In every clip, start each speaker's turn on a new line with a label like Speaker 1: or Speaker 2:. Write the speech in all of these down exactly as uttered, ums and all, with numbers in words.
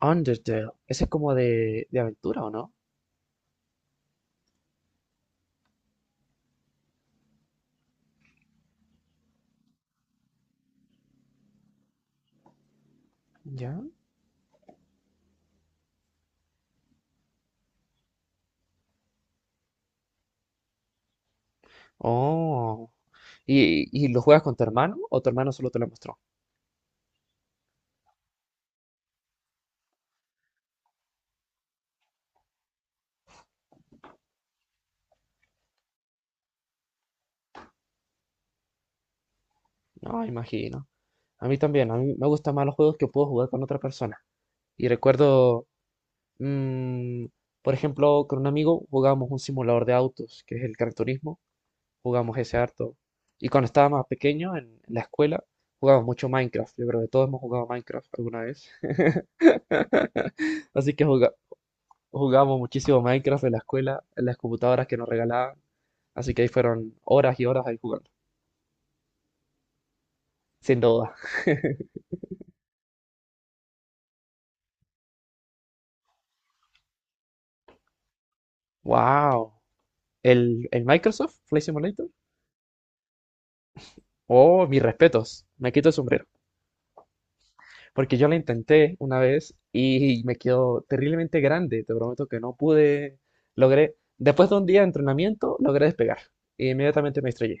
Speaker 1: Undertale. Ese es como de, de aventura, ¿o no? ¿Ya? Oh. ¿Y, y lo juegas con tu hermano o tu hermano solo te lo mostró? No, imagino. A mí también. A mí me gustan más los juegos que puedo jugar con otra persona. Y recuerdo, mm, por ejemplo, con un amigo jugábamos un simulador de autos, que es el Gran Turismo. Jugamos ese harto. Y cuando estaba más pequeño en, en la escuela, jugábamos mucho Minecraft. Yo creo que todos hemos jugado Minecraft alguna vez. Así que jugábamos muchísimo Minecraft en la escuela, en las computadoras que nos regalaban, así que ahí fueron horas y horas ahí jugando, sin duda. ¡Wow! ¿El, el Microsoft Flight Simulator? Oh, mis respetos, me quito el sombrero, porque yo lo intenté una vez y me quedó terriblemente grande, te prometo que no pude, logré, después de un día de entrenamiento, logré despegar, e inmediatamente me estrellé.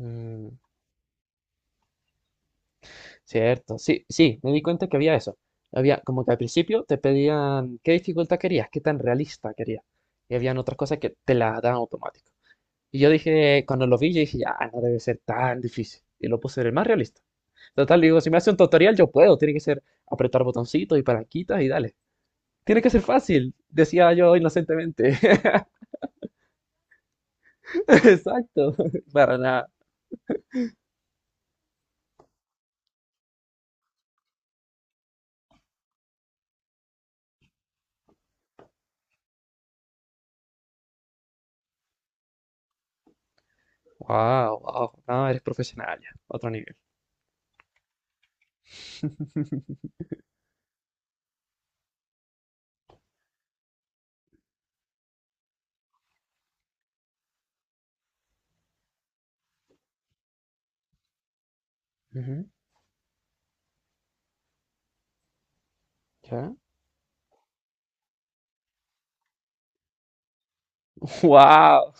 Speaker 1: Mm. Cierto, sí, sí, me di cuenta que había eso. Había como que al principio te pedían qué dificultad querías, qué tan realista querías. Y habían otras cosas que te las dan automático. Y yo dije, cuando lo vi, yo dije, ya, no debe ser tan difícil. Y lo puse en el más realista. Total, digo, si me hace un tutorial, yo puedo. Tiene que ser apretar botoncitos y palanquitas y dale. Tiene que ser fácil, decía yo inocentemente. Exacto, para nada. Wow, wow, no, eres profesional ya, otro nivel. Ujú, ¿Ya? Wow.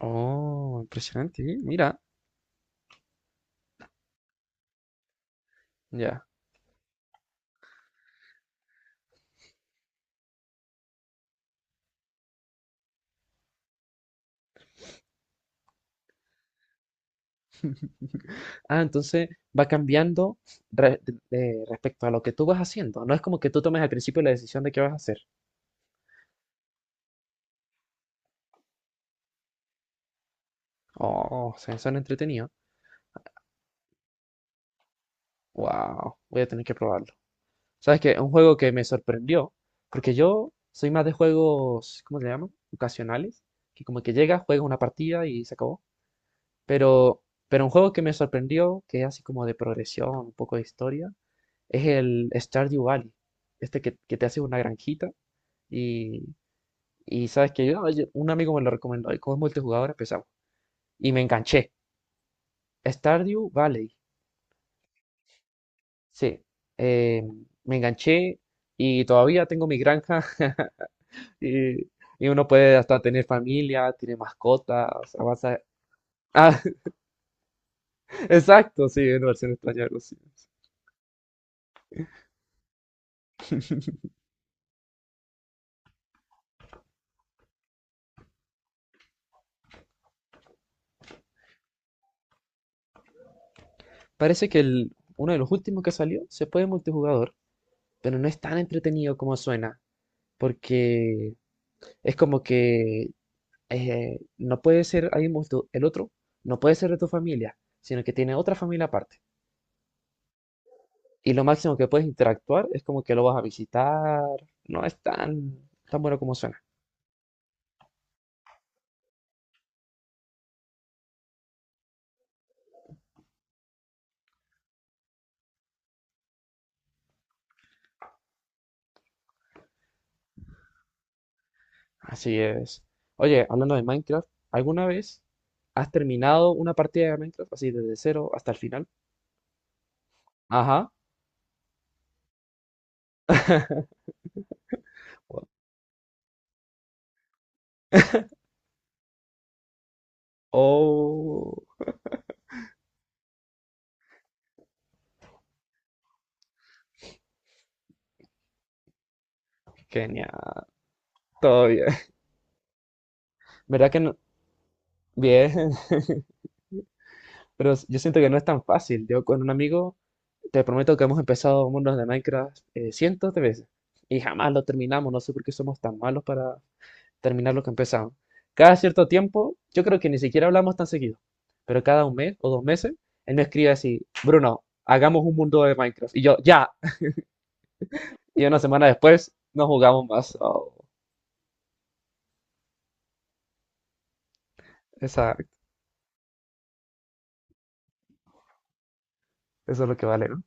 Speaker 1: Oh, impresionante. ¿Eh? Mira, ya. Ah, entonces va cambiando re- de- de- respecto a lo que tú vas haciendo. No es como que tú tomes al principio la decisión de qué vas a hacer. Oh, se suena entretenido. Wow, voy a tener que probarlo. ¿Sabes qué? Un juego que me sorprendió, porque yo soy más de juegos, ¿cómo se llaman? Ocasionales, que como que llega, juega una partida y se acabó. Pero, pero un juego que me sorprendió, que es así como de progresión, un poco de historia, es el Stardew Valley. Este que, que te hace una granjita. Y, y sabes que yo, yo- un amigo me lo recomendó y como es multijugador empezamos. Y me enganché. Stardew Valley. Sí. eh, me enganché y todavía tengo mi granja. Y, y uno puede hasta tener familia, tiene mascotas, avanza. Ah, exacto, sí, en versión extraña, algo. Parece que el, uno de los últimos que salió se puede multijugador, pero no es tan entretenido como suena, porque es como que eh, no puede ser ahí mismo el otro, no puede ser de tu familia, sino que tiene otra familia aparte. Y lo máximo que puedes interactuar es como que lo vas a visitar. No es tan, tan bueno como suena. Así es. Oye, hablando de Minecraft, ¿alguna vez has terminado una partida de Minecraft así desde cero hasta el final? Ajá. Oh, genial. Todo bien. ¿Verdad que no? Bien. Pero yo siento que no es tan fácil. Yo con un amigo te prometo que hemos empezado mundos de Minecraft eh, cientos de veces y jamás lo terminamos. No sé por qué somos tan malos para terminar lo que empezamos. Cada cierto tiempo, yo creo que ni siquiera hablamos tan seguido, pero cada un mes o dos meses, él me escribe así, Bruno, hagamos un mundo de Minecraft. Y yo, ya. Y una semana después, no jugamos más. Oh, esa, eso es lo que vale, ¿no?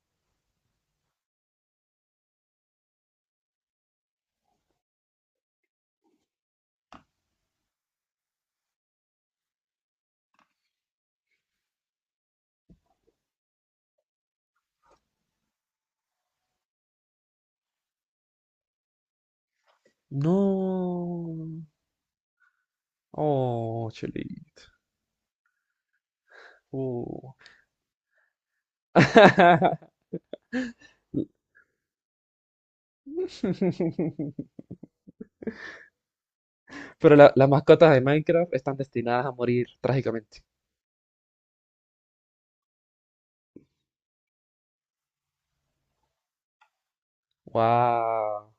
Speaker 1: No. Oh, chulito. Oh. Pero la- las mascotas de Minecraft están destinadas a morir trágicamente. Wow,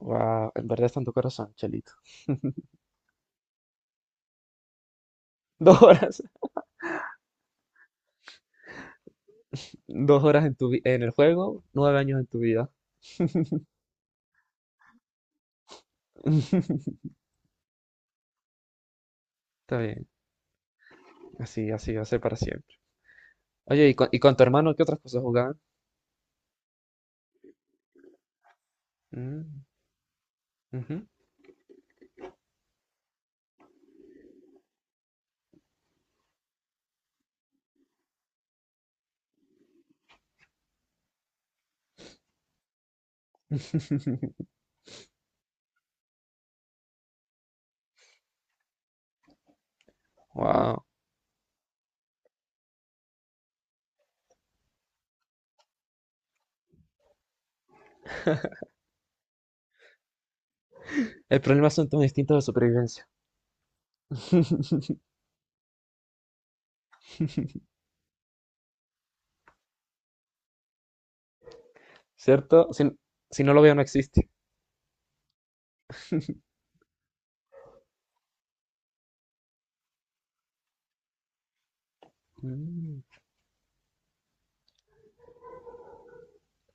Speaker 1: wow, en verdad está en tu corazón, Chelito. Dos horas, dos horas en tu vi- en el juego, nueve años en tu vida. Está bien, así, así va a ser para siempre. Oye, ¿y con, y con tu hermano qué otras cosas jugaban? Wow, el problema son tus instintos de supervivencia, ¿cierto? Si, si no lo veo, no existe. Mm,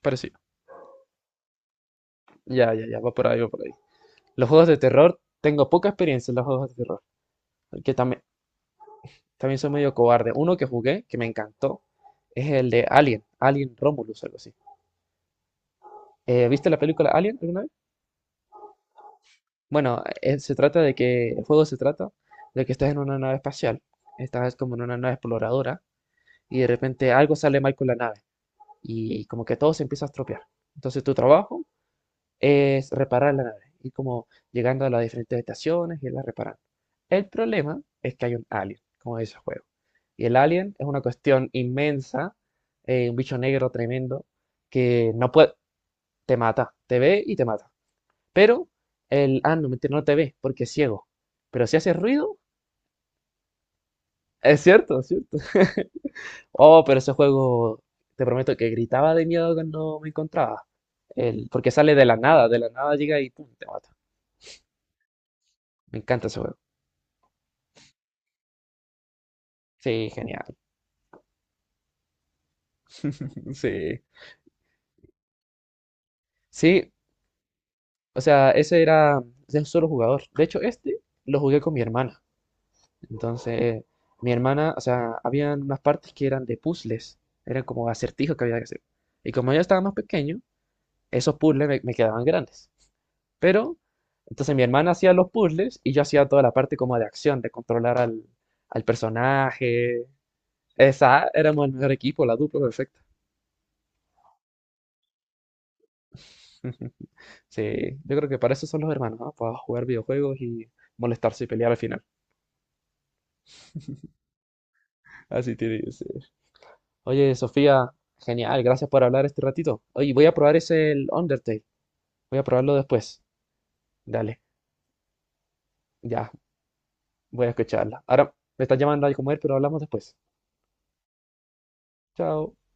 Speaker 1: parecido. Ya, ya, ya, va por ahí, va por ahí. Los juegos de terror, tengo poca experiencia en los juegos de terror, que tam- también soy medio cobarde. Uno que jugué, que me encantó, es el de Alien, Alien Romulus, algo así. Eh, ¿viste la película Alien alguna vez? Bueno, eh, se trata de que, el juego se trata de que estás en una nave espacial, estás como en una nave exploradora, y de repente algo sale mal con la nave, y como que todo se empieza a estropear. Entonces tu trabajo es reparar la nave, y como llegando a las diferentes estaciones y la reparando. El problema es que hay un alien, como dice el juego. Y el alien es una cuestión inmensa, eh, un bicho negro tremendo, que no puede, te mata, te ve y te mata. Pero el, ah, no, mentira, no te ve porque es ciego. Pero si hace ruido, es cierto, es cierto. Oh, pero ese juego, te prometo que gritaba de miedo cuando me encontraba. El, porque sale de la nada, de la nada llega y pum, te mata. Me encanta ese juego. Sí, genial. Sí. Sí, o sea, ese era de un solo jugador. De hecho, este lo jugué con mi hermana. Entonces, mi hermana, o sea, habían unas partes que eran de puzzles, eran como acertijos que había que hacer. Y como yo estaba más pequeño, esos puzzles me, me quedaban grandes. Pero, entonces mi hermana hacía los puzzles y yo hacía toda la parte como de acción, de controlar al, al personaje. Esa, éramos el mejor equipo, la dupla perfecta. Sí, yo creo que para eso son los hermanos, ¿no? Para jugar videojuegos y molestarse y pelear al final. Así tiene que ser. Oye, Sofía, genial, gracias por hablar este ratito. Oye, voy a probar ese el Undertale. Voy a probarlo después. Dale, ya, voy a escucharla. Ahora me están llamando a comer, pero hablamos después. Chao.